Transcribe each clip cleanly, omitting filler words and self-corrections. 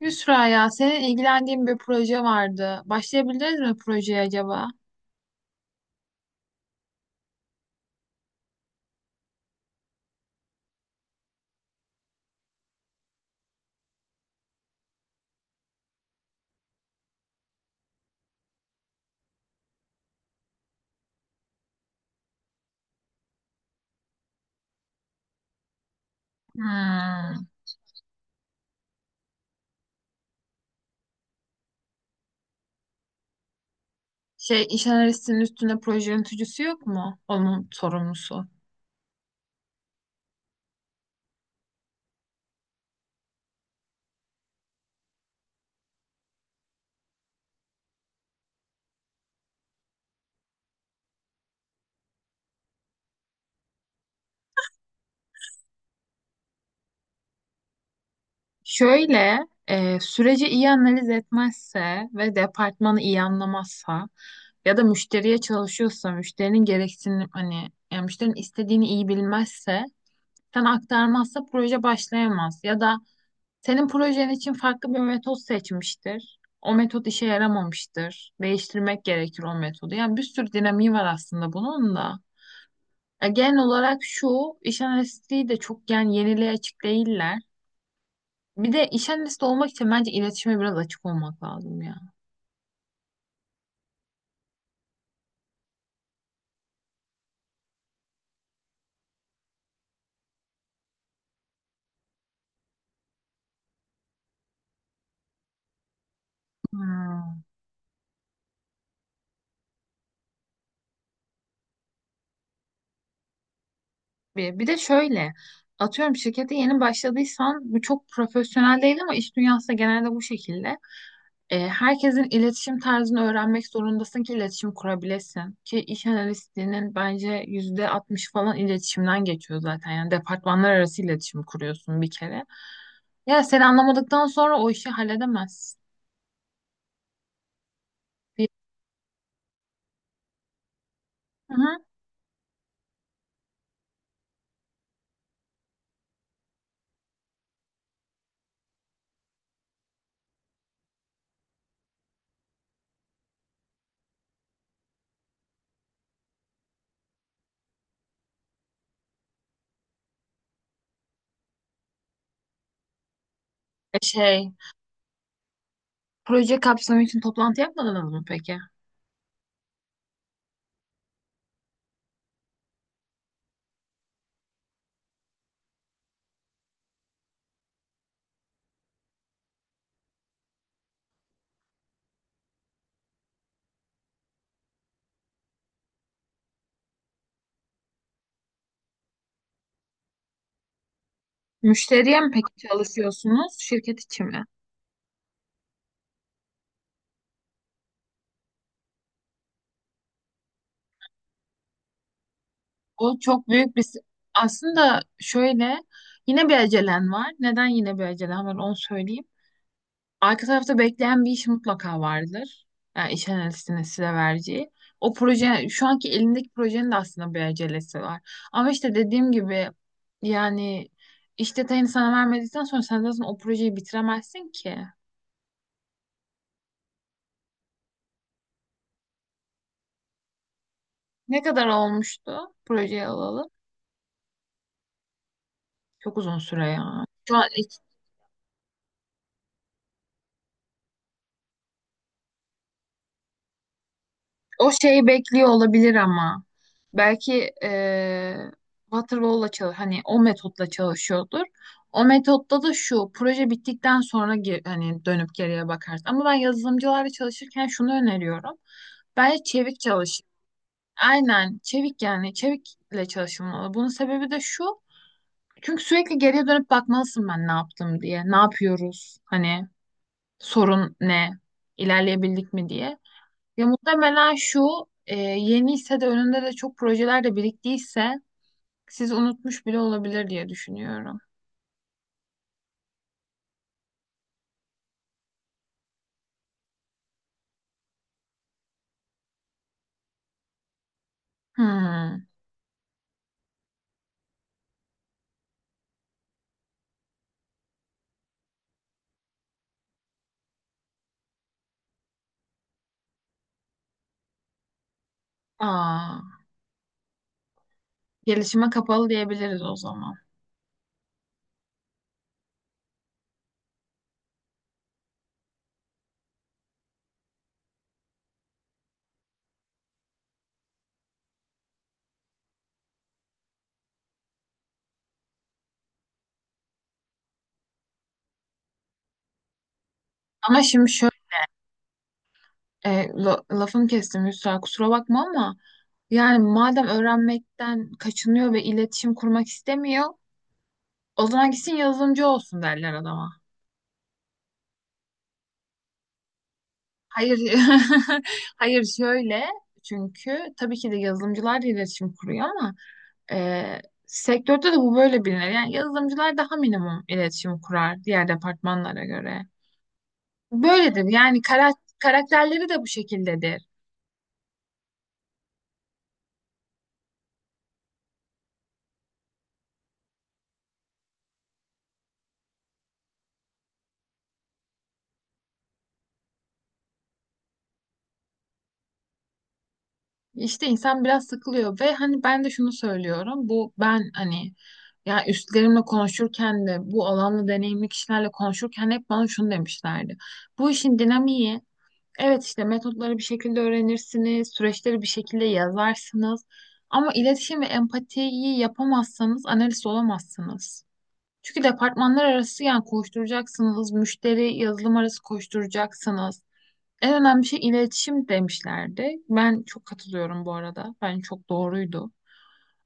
Yusra ya senin ilgilendiğin bir proje vardı. Başlayabiliriz mi projeye acaba? Hmm. Şey iş analistinin üstünde proje yöneticisi yok mu? Onun sorumlusu. Şöyle, süreci iyi analiz etmezse ve departmanı iyi anlamazsa ya da müşteriye çalışıyorsa, müşterinin gereksinim hani yani müşterinin istediğini iyi bilmezse, sen aktarmazsa proje başlayamaz. Ya da senin projen için farklı bir metot seçmiştir. O metot işe yaramamıştır. Değiştirmek gerekir o metodu. Yani bir sürü dinamiği var aslında bunun da. Ya genel olarak şu, iş analistliği de çok yani yeniliğe açık değiller. Bir de iş analisti olmak için bence iletişime biraz açık olmak lazım ya. Hmm. Bir de şöyle, atıyorum şirkete yeni başladıysan bu çok profesyonel değil ama iş dünyası da genelde bu şekilde. Herkesin iletişim tarzını öğrenmek zorundasın ki iletişim kurabilesin. Ki iş analistliğinin bence yüzde 60 falan iletişimden geçiyor zaten. Yani departmanlar arası iletişim kuruyorsun bir kere. Ya seni anlamadıktan sonra o işi halledemezsin. Bir- Hı hı. E, Şey, Proje kapsamı için toplantı yapmadınız mı peki? Müşteriye mi peki çalışıyorsunuz, şirket içi mi? O çok büyük bir... Aslında şöyle, yine bir acelen var. Neden yine bir acelen var onu söyleyeyim. Arka tarafta bekleyen bir iş mutlaka vardır. Yani iş analistinin size vereceği. O proje, şu anki elindeki projenin de aslında bir acelesi var. Ama işte dediğim gibi yani iş detayını sana vermedikten sonra sen zaten o projeyi bitiremezsin ki. Ne kadar olmuştu projeyi alalım? Çok uzun süre ya. Şu an o şeyi bekliyor olabilir ama. Belki Waterfall'la çalış hani o metotla çalışıyordur. O metotta da şu proje bittikten sonra hani dönüp geriye bakarsın. Ama ben yazılımcılarla çalışırken şunu öneriyorum. Bence çevik çalış. Aynen çevik yani çevikle çalışılmalı. Bunun sebebi de şu. Çünkü sürekli geriye dönüp bakmalısın ben ne yaptım diye. Ne yapıyoruz? Hani sorun ne? İlerleyebildik mi diye. Ya muhtemelen şu yeni ise de önünde de çok projeler de biriktiyse siz unutmuş bile olabilir diye düşünüyorum. Hmm. Aa, gelişime kapalı diyebiliriz o zaman. Ama şimdi şöyle lafını kestim Yusra, kusura bakma ama yani madem öğrenmekten kaçınıyor ve iletişim kurmak istemiyor o zaman gitsin yazılımcı olsun derler adama. Hayır hayır şöyle, çünkü tabii ki de yazılımcılar da iletişim kuruyor ama Ee, sektörde de bu böyle bilinir. Yani yazılımcılar daha minimum iletişim kurar diğer departmanlara göre. Böyledir. Yani karakterleri de bu şekildedir. İşte insan biraz sıkılıyor ve hani ben de şunu söylüyorum. Bu ben hani ya üstlerimle konuşurken de bu alanla deneyimli kişilerle konuşurken hep bana şunu demişlerdi. Bu işin dinamiği evet işte metotları bir şekilde öğrenirsiniz, süreçleri bir şekilde yazarsınız. Ama iletişim ve empatiyi yapamazsanız analist olamazsınız. Çünkü departmanlar arası yani koşturacaksınız, müşteri yazılım arası koşturacaksınız. En önemli şey iletişim demişlerdi. Ben çok katılıyorum bu arada. Bence çok doğruydu.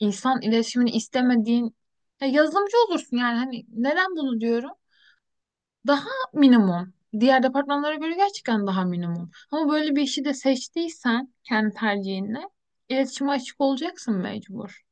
İnsan iletişimini istemediğin ya yazılımcı olursun yani hani neden bunu diyorum? Daha minimum. Diğer departmanlara göre gerçekten daha minimum. Ama böyle bir işi de seçtiysen kendi tercihinle iletişime açık olacaksın mecbur.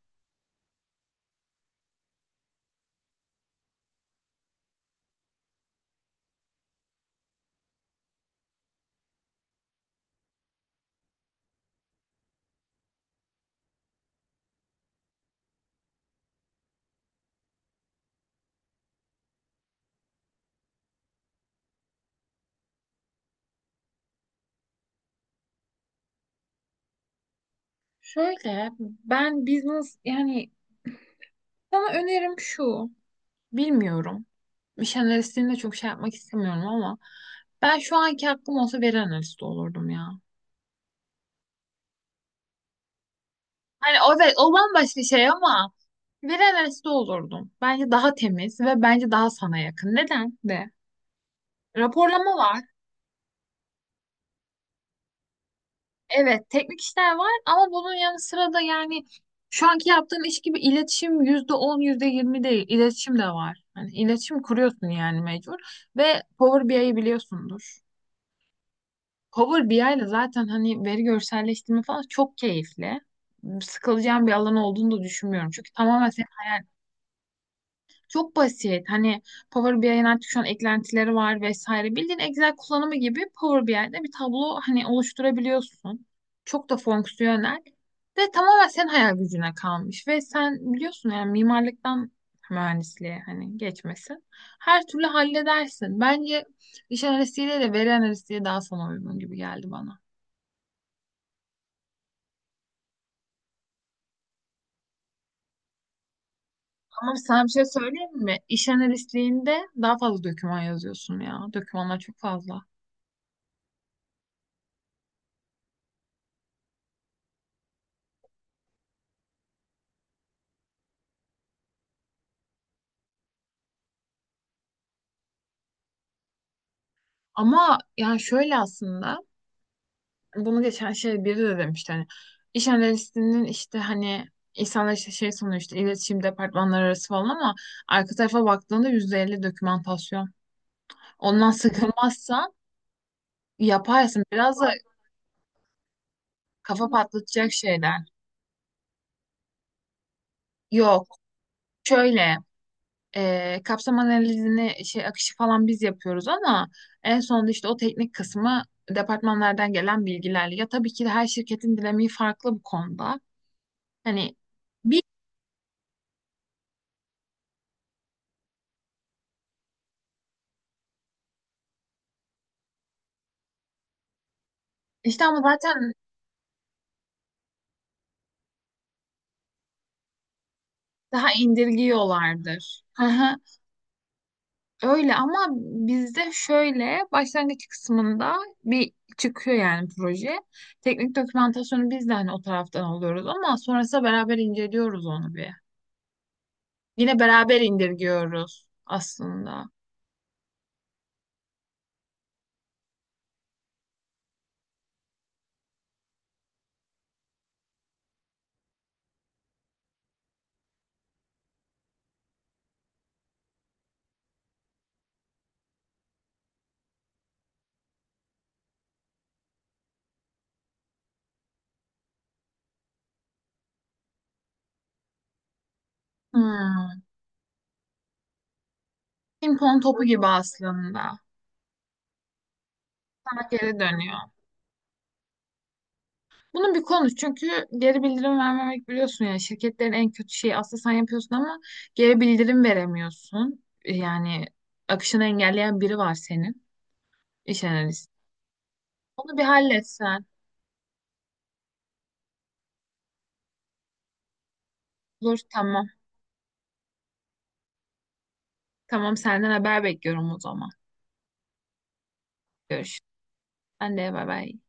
Şöyle ben business yani sana önerim şu. Bilmiyorum. İş analistliğini de çok şey yapmak istemiyorum ama ben şu anki hakkım olsa veri analisti olurdum ya. Hani o, evet, o bambaşka şey ama veri analisti olurdum. Bence daha temiz ve bence daha sana yakın. Neden de? Raporlama var. Evet, teknik işler var ama bunun yanı sıra da yani şu anki yaptığım iş gibi iletişim yüzde on, yüzde yirmi değil, iletişim de var. Hani iletişim kuruyorsun yani mecbur ve Power BI'yi biliyorsundur. Power BI ile zaten hani veri görselleştirme falan çok keyifli. Sıkılacağım bir alan olduğunu da düşünmüyorum. Çünkü tamamen çok basit. Hani Power BI'nin artık şu an eklentileri var vesaire. Bildiğin Excel kullanımı gibi Power BI'de bir tablo hani oluşturabiliyorsun. Çok da fonksiyonel. Ve tamamen senin hayal gücüne kalmış. Ve sen biliyorsun yani mimarlıktan mühendisliğe hani geçmesin. Her türlü halledersin. Bence iş analistliğiyle de veri analistliği daha sana uygun gibi geldi bana. Ama sana bir şey söyleyeyim mi? İş analistliğinde daha fazla doküman yazıyorsun ya. Dokümanlar çok fazla. Ama yani şöyle aslında bunu geçen şey biri de demişti hani iş analistinin işte hani insanlar işte şey sanıyor işte iletişim departmanları arası falan ama arka tarafa baktığında %50 dokümantasyon. Ondan sıkılmazsan yaparsın. Biraz da kafa patlatacak şeyler. Yok. Şöyle kapsam analizini şey akışı falan biz yapıyoruz ama en sonunda işte o teknik kısmı departmanlardan gelen bilgilerle. Ya tabii ki de her şirketin dinamiği farklı bu konuda. Hani bir İşte ama zaten daha indirgiyorlardır. Hı hı. Öyle ama bizde şöyle başlangıç kısmında bir çıkıyor yani proje. Teknik dokümantasyonu biz de hani o taraftan alıyoruz ama sonrasında beraber inceliyoruz onu bir. Yine beraber indirgiyoruz aslında. Hmm. Ping pong topu gibi aslında. Sana geri dönüyor. Bunu bir konuş çünkü geri bildirim vermemek biliyorsun yani şirketlerin en kötü şeyi aslında sen yapıyorsun ama geri bildirim veremiyorsun. Yani akışını engelleyen biri var senin, iş analisti. Onu bir halletsen. Olur, tamam. Tamam, senden haber bekliyorum o zaman. Görüşürüz. Ben de bay bay.